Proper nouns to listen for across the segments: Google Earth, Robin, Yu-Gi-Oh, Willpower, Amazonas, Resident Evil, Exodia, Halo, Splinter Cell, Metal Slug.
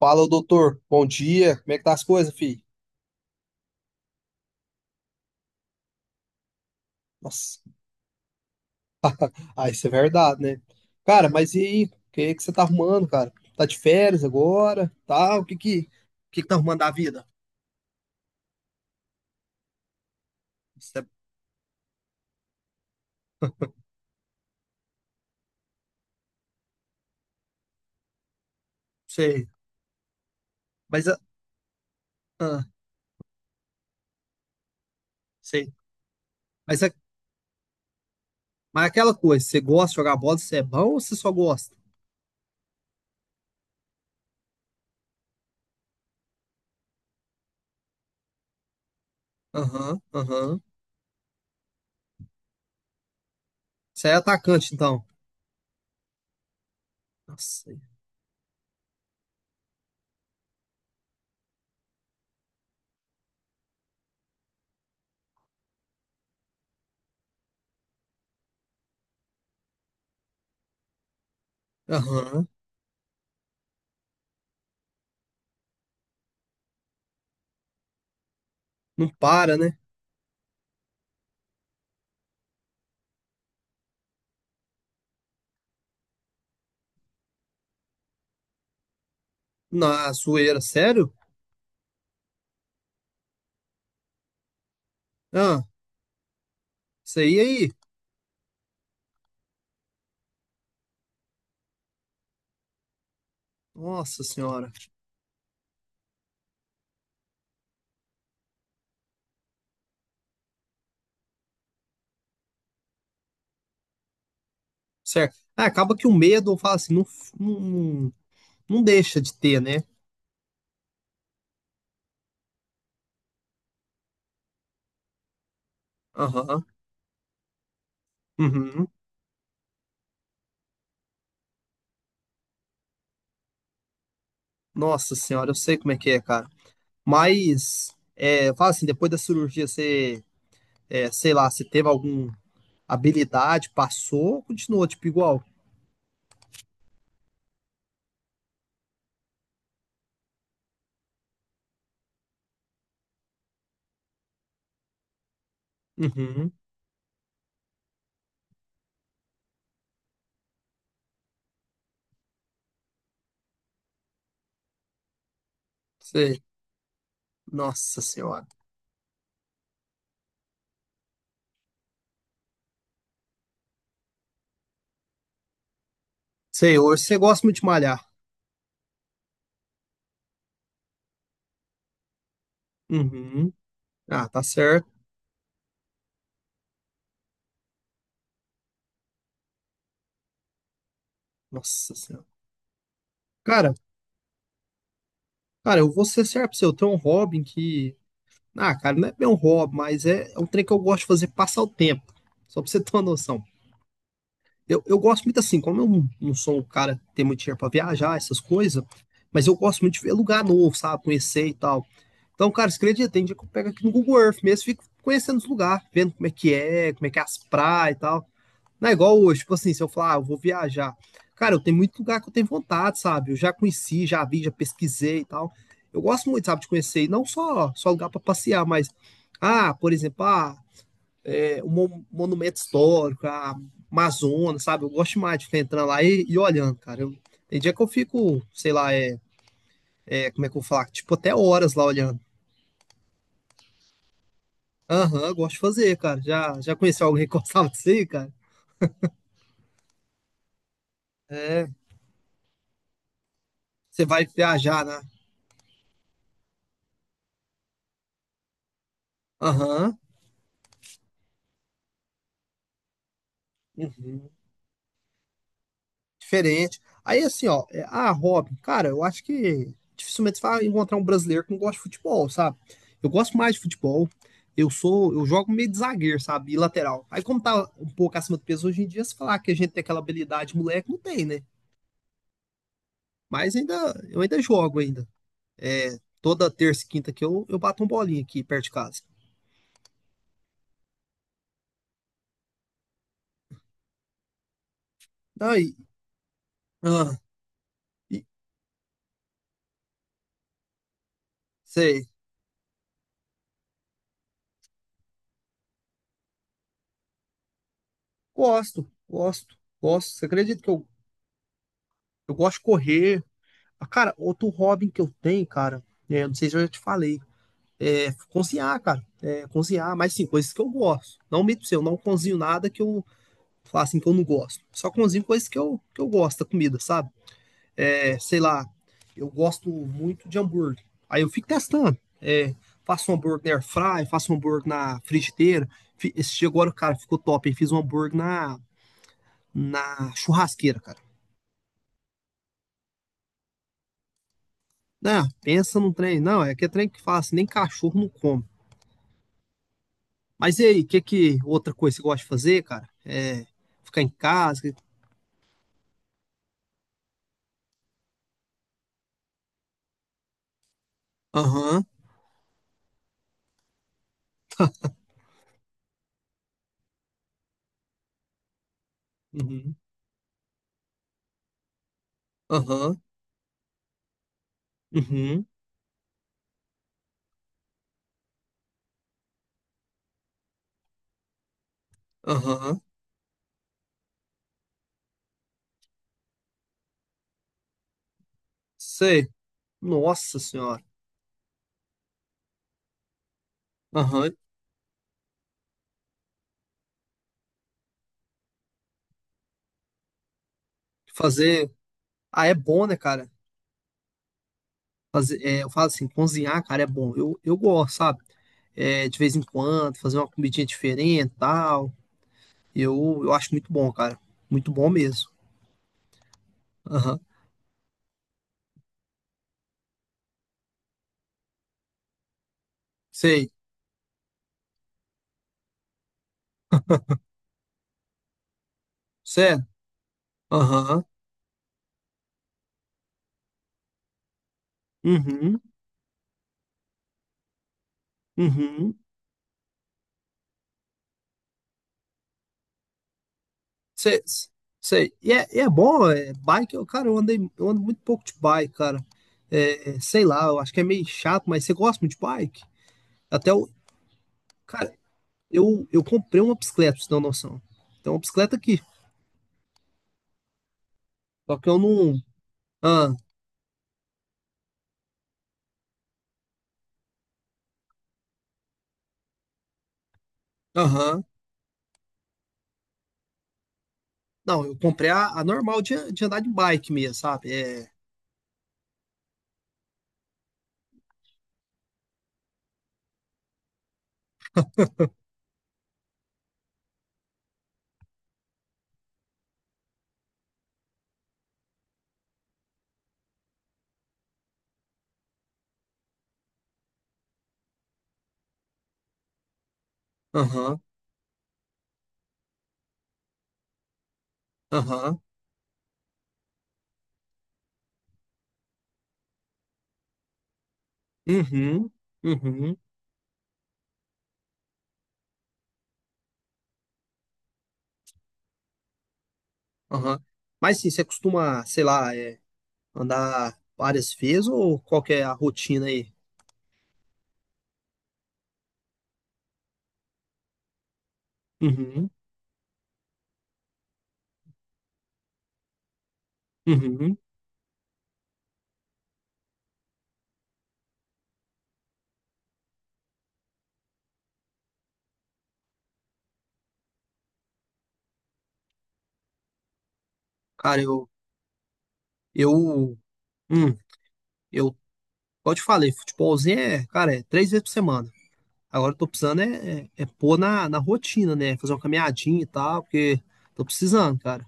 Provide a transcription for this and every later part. Fala, doutor. Bom dia. Como é que tá as coisas, filho? Nossa, isso é verdade, né? Cara, mas e aí? O que é que você tá arrumando, cara? Tá de férias agora? Tá? O que que tá arrumando da vida? Você, você- mas, ah, ah, Sei. Mas, é- mas é aquela coisa, você gosta de jogar bola? Você é bom ou você só gosta? Aham. Você é atacante, então? Nossa, aham. Não para, né? Na zoeira, sério? Ah, isso aí aí. Nossa senhora. Certo. Ah, acaba que o medo, eu falo assim, não, não deixa de ter, né? Aham. Uhum. Nossa senhora, eu sei como é que é, cara. Mas, eu falo assim, depois da cirurgia, sei lá, você teve alguma habilidade, passou, ou continuou, tipo, igual? Uhum. Sei. Nossa senhora. Sei, hoje você gosta muito de malhar. Uhum. Ah, tá certo. Nossa senhora. Cara, cara, eu vou ser certo pra você, eu tenho um hobby que Ah, cara, não é bem um hobby, mas é um trem que eu gosto de fazer passar o tempo. Só pra você ter uma noção. Eu gosto muito assim, como eu não, não sou um cara que tem muito dinheiro pra viajar, essas coisas, mas eu gosto muito de ver lugar novo, sabe? Conhecer e tal. Então, cara, você acredita? Tem dia que eu pego aqui no Google Earth mesmo, fico conhecendo os lugares, vendo como é que é, como é que é as praias e tal. Não é igual hoje, tipo assim, se eu falar, ah, eu vou viajar. Cara, eu tenho muito lugar que eu tenho vontade, sabe? Eu já conheci, já vi, já pesquisei e tal. Eu gosto muito, sabe, de conhecer, e não só, só lugar para passear, mas, por exemplo, um monumento histórico, a Amazonas, sabe? Eu gosto demais de ficar entrando lá e olhando, cara. Tem dia que eu fico, sei lá, é, é, como é que eu vou falar? Tipo, até horas lá olhando. Aham, eu gosto de fazer, cara. Já conheceu alguém que gostava disso aí, cara? É, você vai viajar, né? Aham. Uhum. Diferente. Aí, assim, ó, Robin, cara, eu acho que dificilmente você vai encontrar um brasileiro que não gosta de futebol, sabe? Eu gosto mais de futebol. Eu jogo meio de zagueiro, sabe? E lateral. Aí, como tá um pouco acima do peso hoje em dia, se falar que a gente tem aquela habilidade, moleque, não tem, né? Mas ainda, eu ainda jogo ainda. É, toda terça e quinta que eu bato um bolinho aqui perto de casa. Aí, ah, e- Sei, gosto. Você acredita que eu gosto de correr. Ah, cara, outro hobby que eu tenho, cara, não sei se eu já te falei, é cozinhar, cara. É, cozinhar, mas sim, coisas que eu gosto. Não mito seu, eu não cozinho nada que eu falar assim que eu não gosto. Só cozinho coisas que eu gosto da comida, sabe? É, sei lá, eu gosto muito de hambúrguer. Aí eu fico testando. É, faço um hambúrguer na airfryer, faço um hambúrguer na frigideira. Esse dia agora, cara, ficou top. Eu fiz um hambúrguer na churrasqueira, cara. Não, pensa num trem. Não, é que é trem que fala assim, nem cachorro não come. Mas e aí, que outra coisa que você gosta de fazer, cara? É ficar em casa? Aham, uhum, aham, uhum, aham. Sei. Nossa senhora. Aham. Fazer. Ah, é bom, né, cara? Fazer, eu falo assim, cozinhar, cara, é bom. Eu gosto, sabe? É, de vez em quando, fazer uma comidinha diferente e tal. Eu acho muito bom, cara. Muito bom mesmo. Aham. Sei. Sério? Aham. Uhum. Uhum. Sei, sei. E é bom, bike, eu, cara, eu andei, eu ando muito pouco de bike, cara. Sei lá, eu acho que é meio chato, mas você gosta muito de bike? Até o, cara, eu comprei uma bicicleta, pra você ter uma noção. Tem uma bicicleta aqui, só que eu não, ah, aham. Não, eu comprei a normal de andar de bike mesmo, sabe? É, aham, aham, uhum, uhum, aham. Mas sim, você costuma, andar várias vezes ou qual que é a rotina aí? Uhum. Cara, eu, hum, eu, igual eu te falei, futebolzinho, é 3 vezes por semana. Agora eu tô precisando é pôr na rotina, né? Fazer uma caminhadinha e tal, porque tô precisando, cara.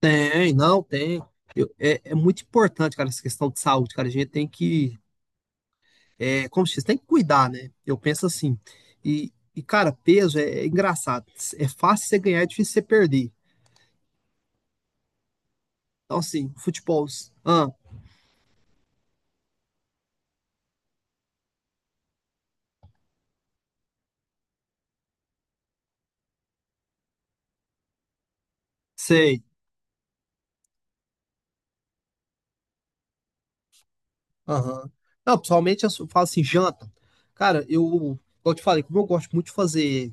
Tem, não, tem. É muito importante, cara, essa questão de saúde, cara. A gente tem que, como se diz, tem que cuidar, né? Eu penso assim. E cara, peso é engraçado. É fácil você ganhar, é difícil você perder. Então, assim, futebol, ah, sei. Aham. Não, pessoalmente eu só falo assim, janta. Cara, eu, igual eu te falei, como eu gosto muito de fazer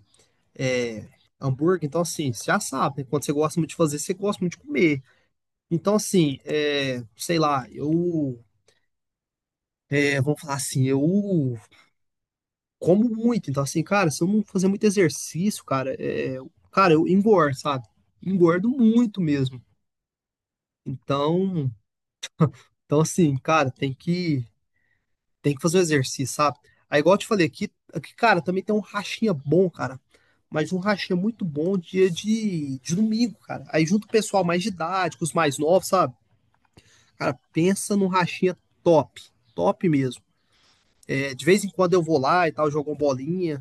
é, hambúrguer, então assim, você já sabe, né? Quando você gosta muito de fazer, você gosta muito de comer. Então assim, é, sei lá, eu, é, vamos falar assim, eu como muito. Então assim, cara, se eu não fazer muito exercício, cara, eu engordo, sabe? Engordo muito mesmo. Então, então assim, cara, tem que tem que fazer o exercício, sabe? Aí, igual eu te falei, aqui, cara, também tem um rachinha bom, cara. Mas um rachinha muito bom dia de domingo, cara. Aí junto o pessoal mais de idade, com os mais novos, sabe? Cara, pensa num rachinha top. Top mesmo. É, de vez em quando eu vou lá e tal, jogo uma bolinha.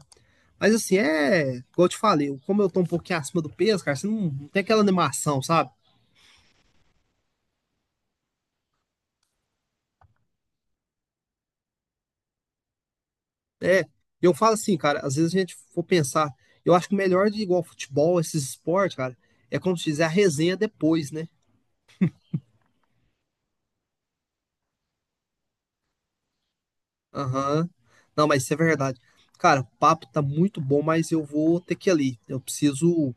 Mas assim, é. Igual eu te falei, como eu tô um pouquinho acima do peso, cara, você não, não tem aquela animação, sabe? É. Eu falo assim, cara, às vezes a gente for pensar, eu acho que o melhor de igual futebol, esses esportes, cara, é como se fizer a resenha depois, né? Aham. Não, mas isso é verdade. Cara, o papo tá muito bom, mas eu vou ter que ir ali.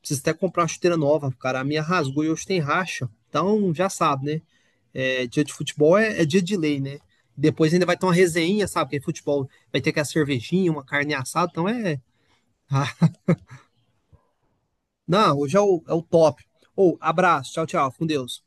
Preciso até comprar uma chuteira nova, cara. A minha rasgou e hoje tem racha. Então, já sabe, né? É, dia de futebol é dia de lei, né? Depois ainda vai ter uma resenha, sabe? Porque futebol vai ter que a cervejinha, uma carne assada, então é. Ah, não, hoje é o, é o top. Ô, abraço, tchau, tchau, fica com Deus.